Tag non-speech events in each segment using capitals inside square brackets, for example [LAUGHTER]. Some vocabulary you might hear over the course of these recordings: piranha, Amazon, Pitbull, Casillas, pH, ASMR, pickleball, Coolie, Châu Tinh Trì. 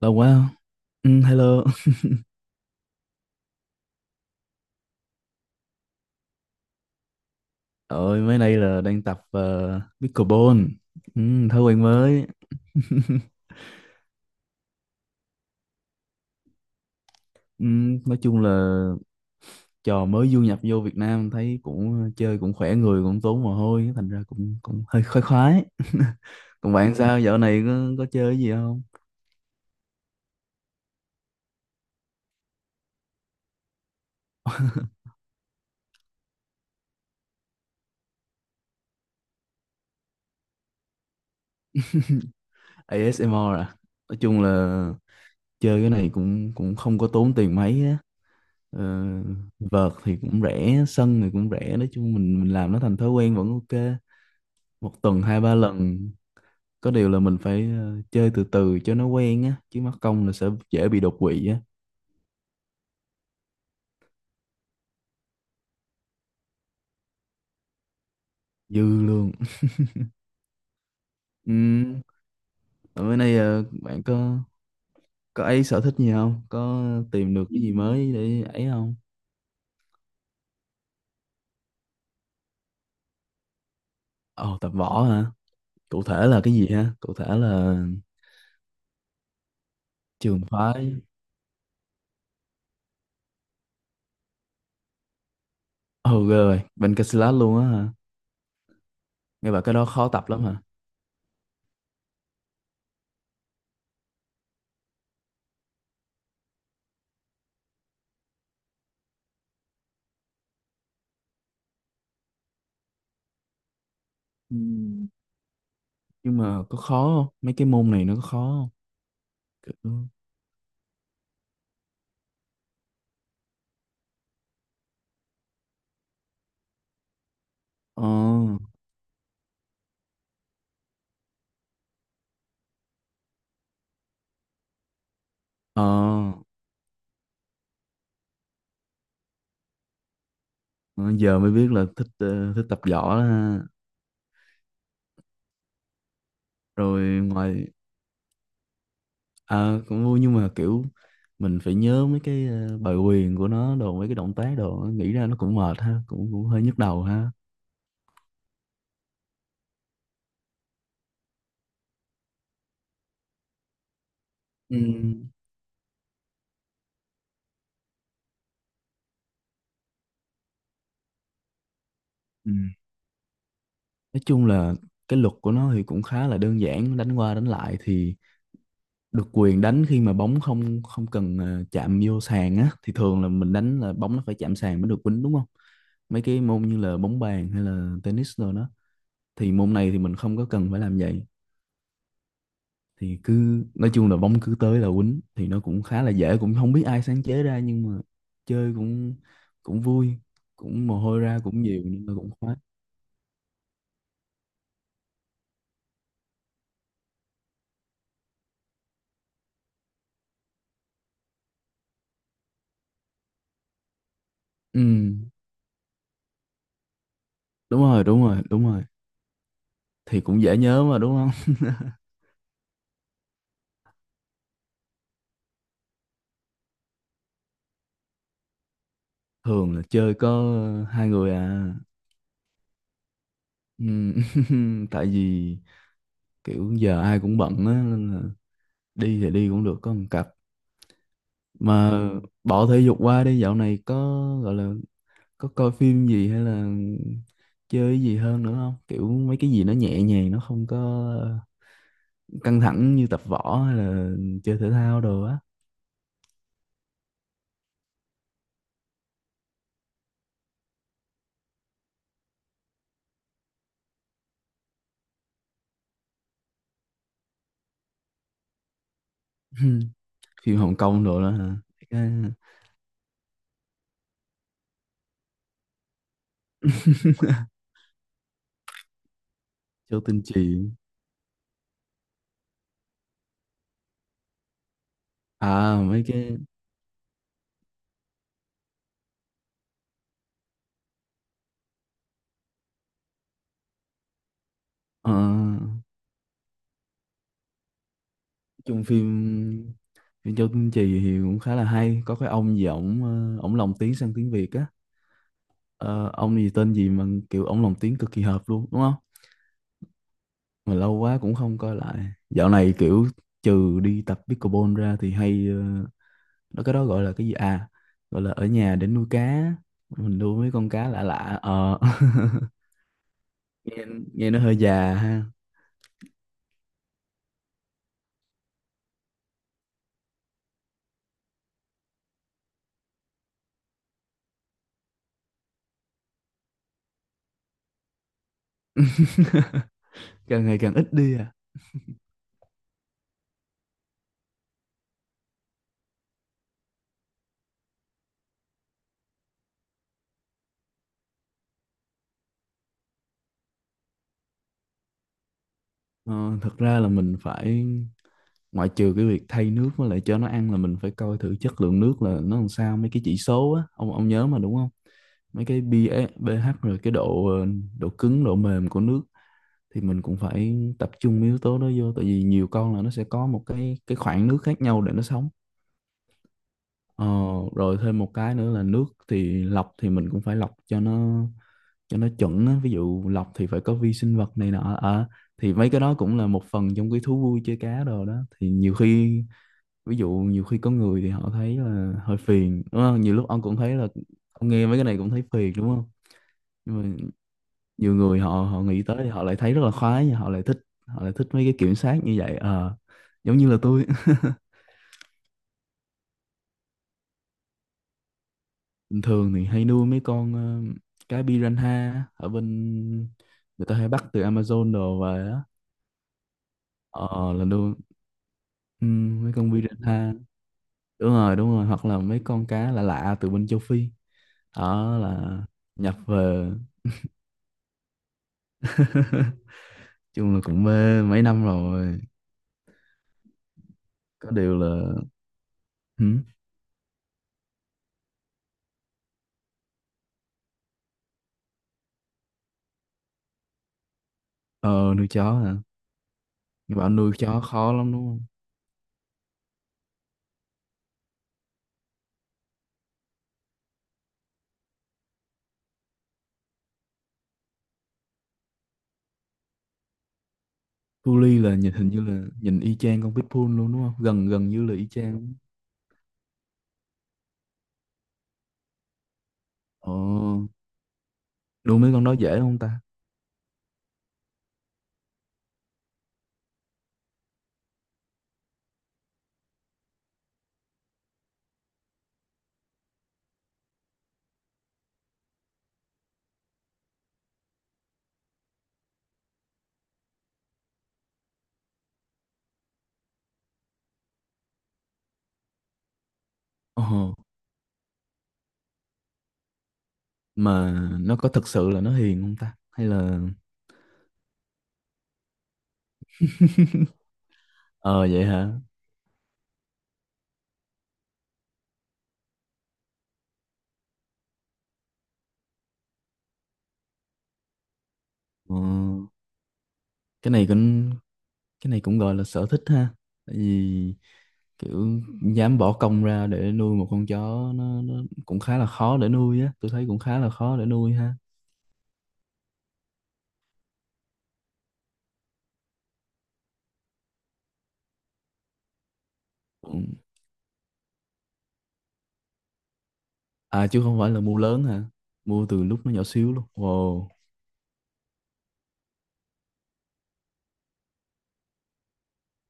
Lâu quá. Ừ, hello. [LAUGHS] Ôi, mấy nay là đang tập pickleball. Ừ, thói quen mới. [LAUGHS] Ừ, nói chung là trò mới du nhập vô Việt Nam thấy cũng chơi cũng khỏe người cũng tốn mồ hôi thành ra cũng cũng hơi khoái khoái. [LAUGHS] Còn bạn sao dạo này có chơi cái gì không? ASMR à? Nói chung là chơi cái này cũng cũng không có tốn tiền mấy á. Ờ, vợt thì cũng rẻ, sân thì cũng rẻ, nói chung mình làm nó thành thói quen vẫn ok. Một tuần hai ba lần, có điều là mình phải chơi từ từ cho nó quen á, chứ mắc công là sẽ dễ bị đột quỵ á. Dư luôn. Ừm, ở bên đây bạn có ấy sở thích gì không, có tìm được cái gì mới để ấy không? Ồ tập võ hả? Cụ thể là cái gì ha, cụ thể là trường phái? Ồ ghê, rồi bên Casillas luôn á hả? Nghe bảo cái đó khó tập lắm hả? Ừ. Nhưng mà có khó không, mấy cái môn này nó có khó không? Kiểu- ờ ờ. Ờ, giờ mới biết là thích thích tập võ đó ha. Rồi ngoài à, cũng vui nhưng mà kiểu mình phải nhớ mấy cái bài quyền của nó đồ, mấy cái động tác đồ, nghĩ ra nó cũng mệt ha, cũng cũng hơi nhức đầu ha. Ừ. Ừ. Nói chung là cái luật của nó thì cũng khá là đơn giản, đánh qua đánh lại thì được quyền đánh khi mà bóng không không cần chạm vô sàn á, thì thường là mình đánh là bóng nó phải chạm sàn mới được quýnh đúng không? Mấy cái môn như là bóng bàn hay là tennis rồi đó, thì môn này thì mình không có cần phải làm vậy, thì cứ nói chung là bóng cứ tới là quýnh, thì nó cũng khá là dễ, cũng không biết ai sáng chế ra nhưng mà chơi cũng cũng vui, cũng mồ hôi ra cũng nhiều nhưng mà cũng khoái. Ừ, đúng rồi đúng rồi đúng rồi, thì cũng dễ nhớ mà đúng không? [LAUGHS] Thường là chơi có hai người à. Ừ. [LAUGHS] Tại vì kiểu giờ ai cũng bận á, nên là đi thì đi cũng được có một cặp. Mà bỏ thể dục qua, đi, dạo này có gọi là có coi phim gì hay là chơi cái gì hơn nữa không, kiểu mấy cái gì nó nhẹ nhàng nó không có căng thẳng như tập võ hay là chơi thể thao đồ á. [LAUGHS] Phim Hồng Kông đồ đó hả? Cái [LAUGHS] Châu Tinh Trì. À mấy cái ờ, nói chung phim, phim Châu Tinh Trì thì cũng khá là hay, có cái ông gì, ổng ổng lồng tiếng sang tiếng Việt á. Ờ, ông gì tên gì mà kiểu ổng lồng tiếng cực kỳ hợp luôn đúng không? Mà lâu quá cũng không coi lại. Dạo này kiểu trừ đi tập pickleball ra thì hay nó cái đó gọi là cái gì à, gọi là ở nhà để nuôi cá. Mình nuôi mấy con cá lạ lạ [LAUGHS] nghe, nghe nó hơi già ha. [LAUGHS] Càng ngày càng ít đi à? Ờ, thật ra là mình phải, ngoại trừ cái việc thay nước với lại cho nó ăn, là mình phải coi thử chất lượng nước là nó làm sao, mấy cái chỉ số á ông nhớ mà đúng không? Mấy cái pH, pH rồi cái độ độ cứng độ mềm của nước, thì mình cũng phải tập trung yếu tố đó vô, tại vì nhiều con là nó sẽ có một cái khoảng nước khác nhau để nó sống. Ờ, rồi thêm một cái nữa là nước thì lọc, thì mình cũng phải lọc cho nó, cho nó chuẩn á. Ví dụ lọc thì phải có vi sinh vật này nọ. Ờ, thì mấy cái đó cũng là một phần trong cái thú vui chơi cá đồ đó, thì nhiều khi, ví dụ nhiều khi có người thì họ thấy là hơi phiền đúng không, nhiều lúc ông cũng thấy là ông nghe mấy cái này cũng thấy phiền đúng không? Nhưng mà nhiều người họ họ nghĩ tới thì họ lại thấy rất là khoái, họ lại thích, họ lại thích mấy cái kiểm soát như vậy. Ờ, giống như là tôi. [LAUGHS] Bình thường thì hay nuôi mấy con cá piranha, ở bên người ta hay bắt từ Amazon đồ về á. Ờ là nuôi. Ừm, mấy con piranha, đúng rồi đúng rồi, hoặc là mấy con cá lạ lạ từ bên châu Phi, đó là nhập về. [LAUGHS] Chung là cũng mê mấy năm rồi, có điều là... Hử? Ờ nuôi chó hả? Bảo nuôi chó khó lắm đúng không? Coolie là nhìn hình như là nhìn y chang con Pitbull luôn đúng không? Gần gần như là y chang luôn. Ồ, nuôi mấy con đó dễ không ta? Ồ, mà nó có thật sự là nó hiền không ta? Hay là... Ờ vậy hả? Ờ, cái này cũng cái này cũng gọi là sở thích ha. Tại vì kiểu dám bỏ công ra để nuôi một con chó, nó cũng khá là khó để nuôi á. Tôi thấy cũng khá là khó để nuôi ha. Ừ. À chứ không phải là mua lớn hả? Mua từ lúc nó nhỏ xíu luôn. Wow.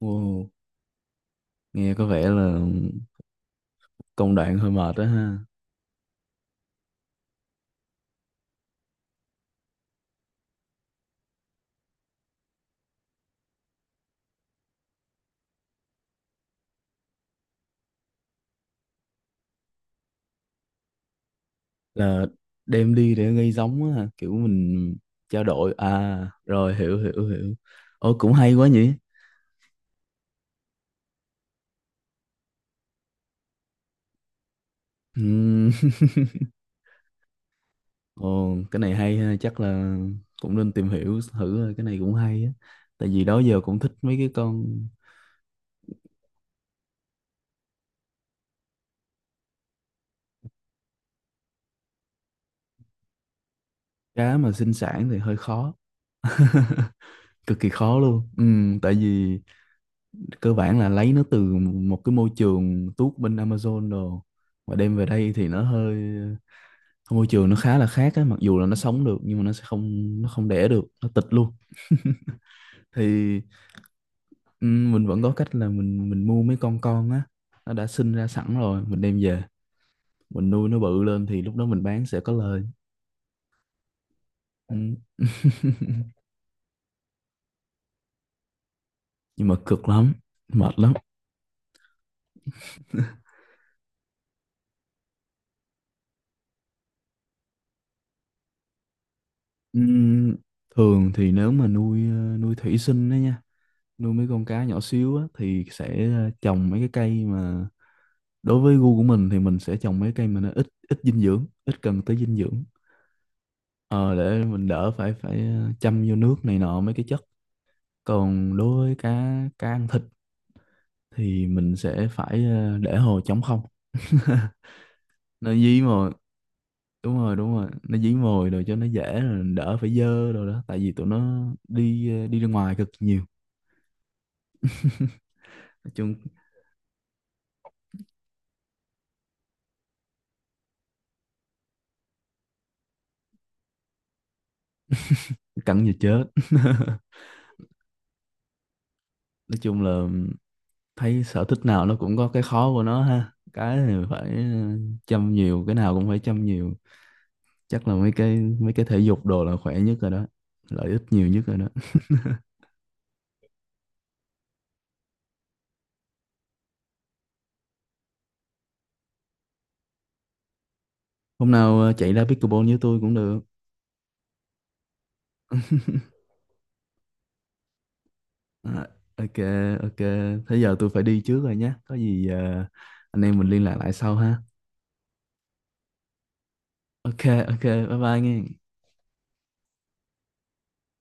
Wow. Nghe có vẻ là công đoạn hơi mệt đó ha. Là đem đi để gây giống á ha, kiểu mình trao đổi à, rồi hiểu hiểu hiểu. Ô cũng hay quá nhỉ. Ừm. [LAUGHS] Ồ cái này hay ha, chắc là cũng nên tìm hiểu thử thôi, cái này cũng hay á. Tại vì đó giờ cũng thích mấy cái con. Cá mà sinh sản thì hơi khó. [LAUGHS] Cực kỳ khó luôn. Tại vì cơ bản là lấy nó từ một cái môi trường tuốt bên Amazon đồ mà đem về đây thì nó hơi, môi trường nó khá là khác á, mặc dù là nó sống được nhưng mà nó sẽ không, nó không đẻ được, nó tịch luôn. [LAUGHS] Thì mình vẫn có cách là mình mua mấy con á, nó đã sinh ra sẵn rồi mình đem về, mình nuôi nó bự lên thì lúc đó mình bán sẽ có lời. Ừm. [LAUGHS] Nhưng mà cực lắm, mệt lắm. Ừm, thường thì nếu mà nuôi nuôi thủy sinh đó nha, nuôi mấy con cá nhỏ xíu á, thì sẽ trồng mấy cái cây mà, đối với gu của mình thì mình sẽ trồng mấy cây mà nó ít, ít dinh dưỡng, ít cần tới dinh dưỡng. Ờ, để mình đỡ phải phải chăm vô nước này nọ mấy cái chất. Còn đối với cá cá ăn thịt thì mình sẽ phải để hồ trống không. [LAUGHS] Nó dí mồi. Đúng rồi đúng rồi, nó dí mồi rồi cho nó dễ rồi đỡ phải dơ rồi đó, tại vì tụi nó đi đi ra ngoài cực nhiều. [LAUGHS] Nói chung cắn như chết. [LAUGHS] Nói chung là thấy sở thích nào nó cũng có cái khó của nó ha, cái thì phải ừ, chăm nhiều, cái nào cũng phải chăm nhiều. Chắc là mấy cái thể dục đồ là khỏe nhất rồi đó, lợi ích nhiều nhất rồi đó. Hôm nào chạy ra pickleball với tôi cũng được. À, ok. Ok. Thế giờ tôi phải đi trước rồi nhé, có gì anh em mình liên lạc lại sau ha. Ok. Ok. Bye bye nghe.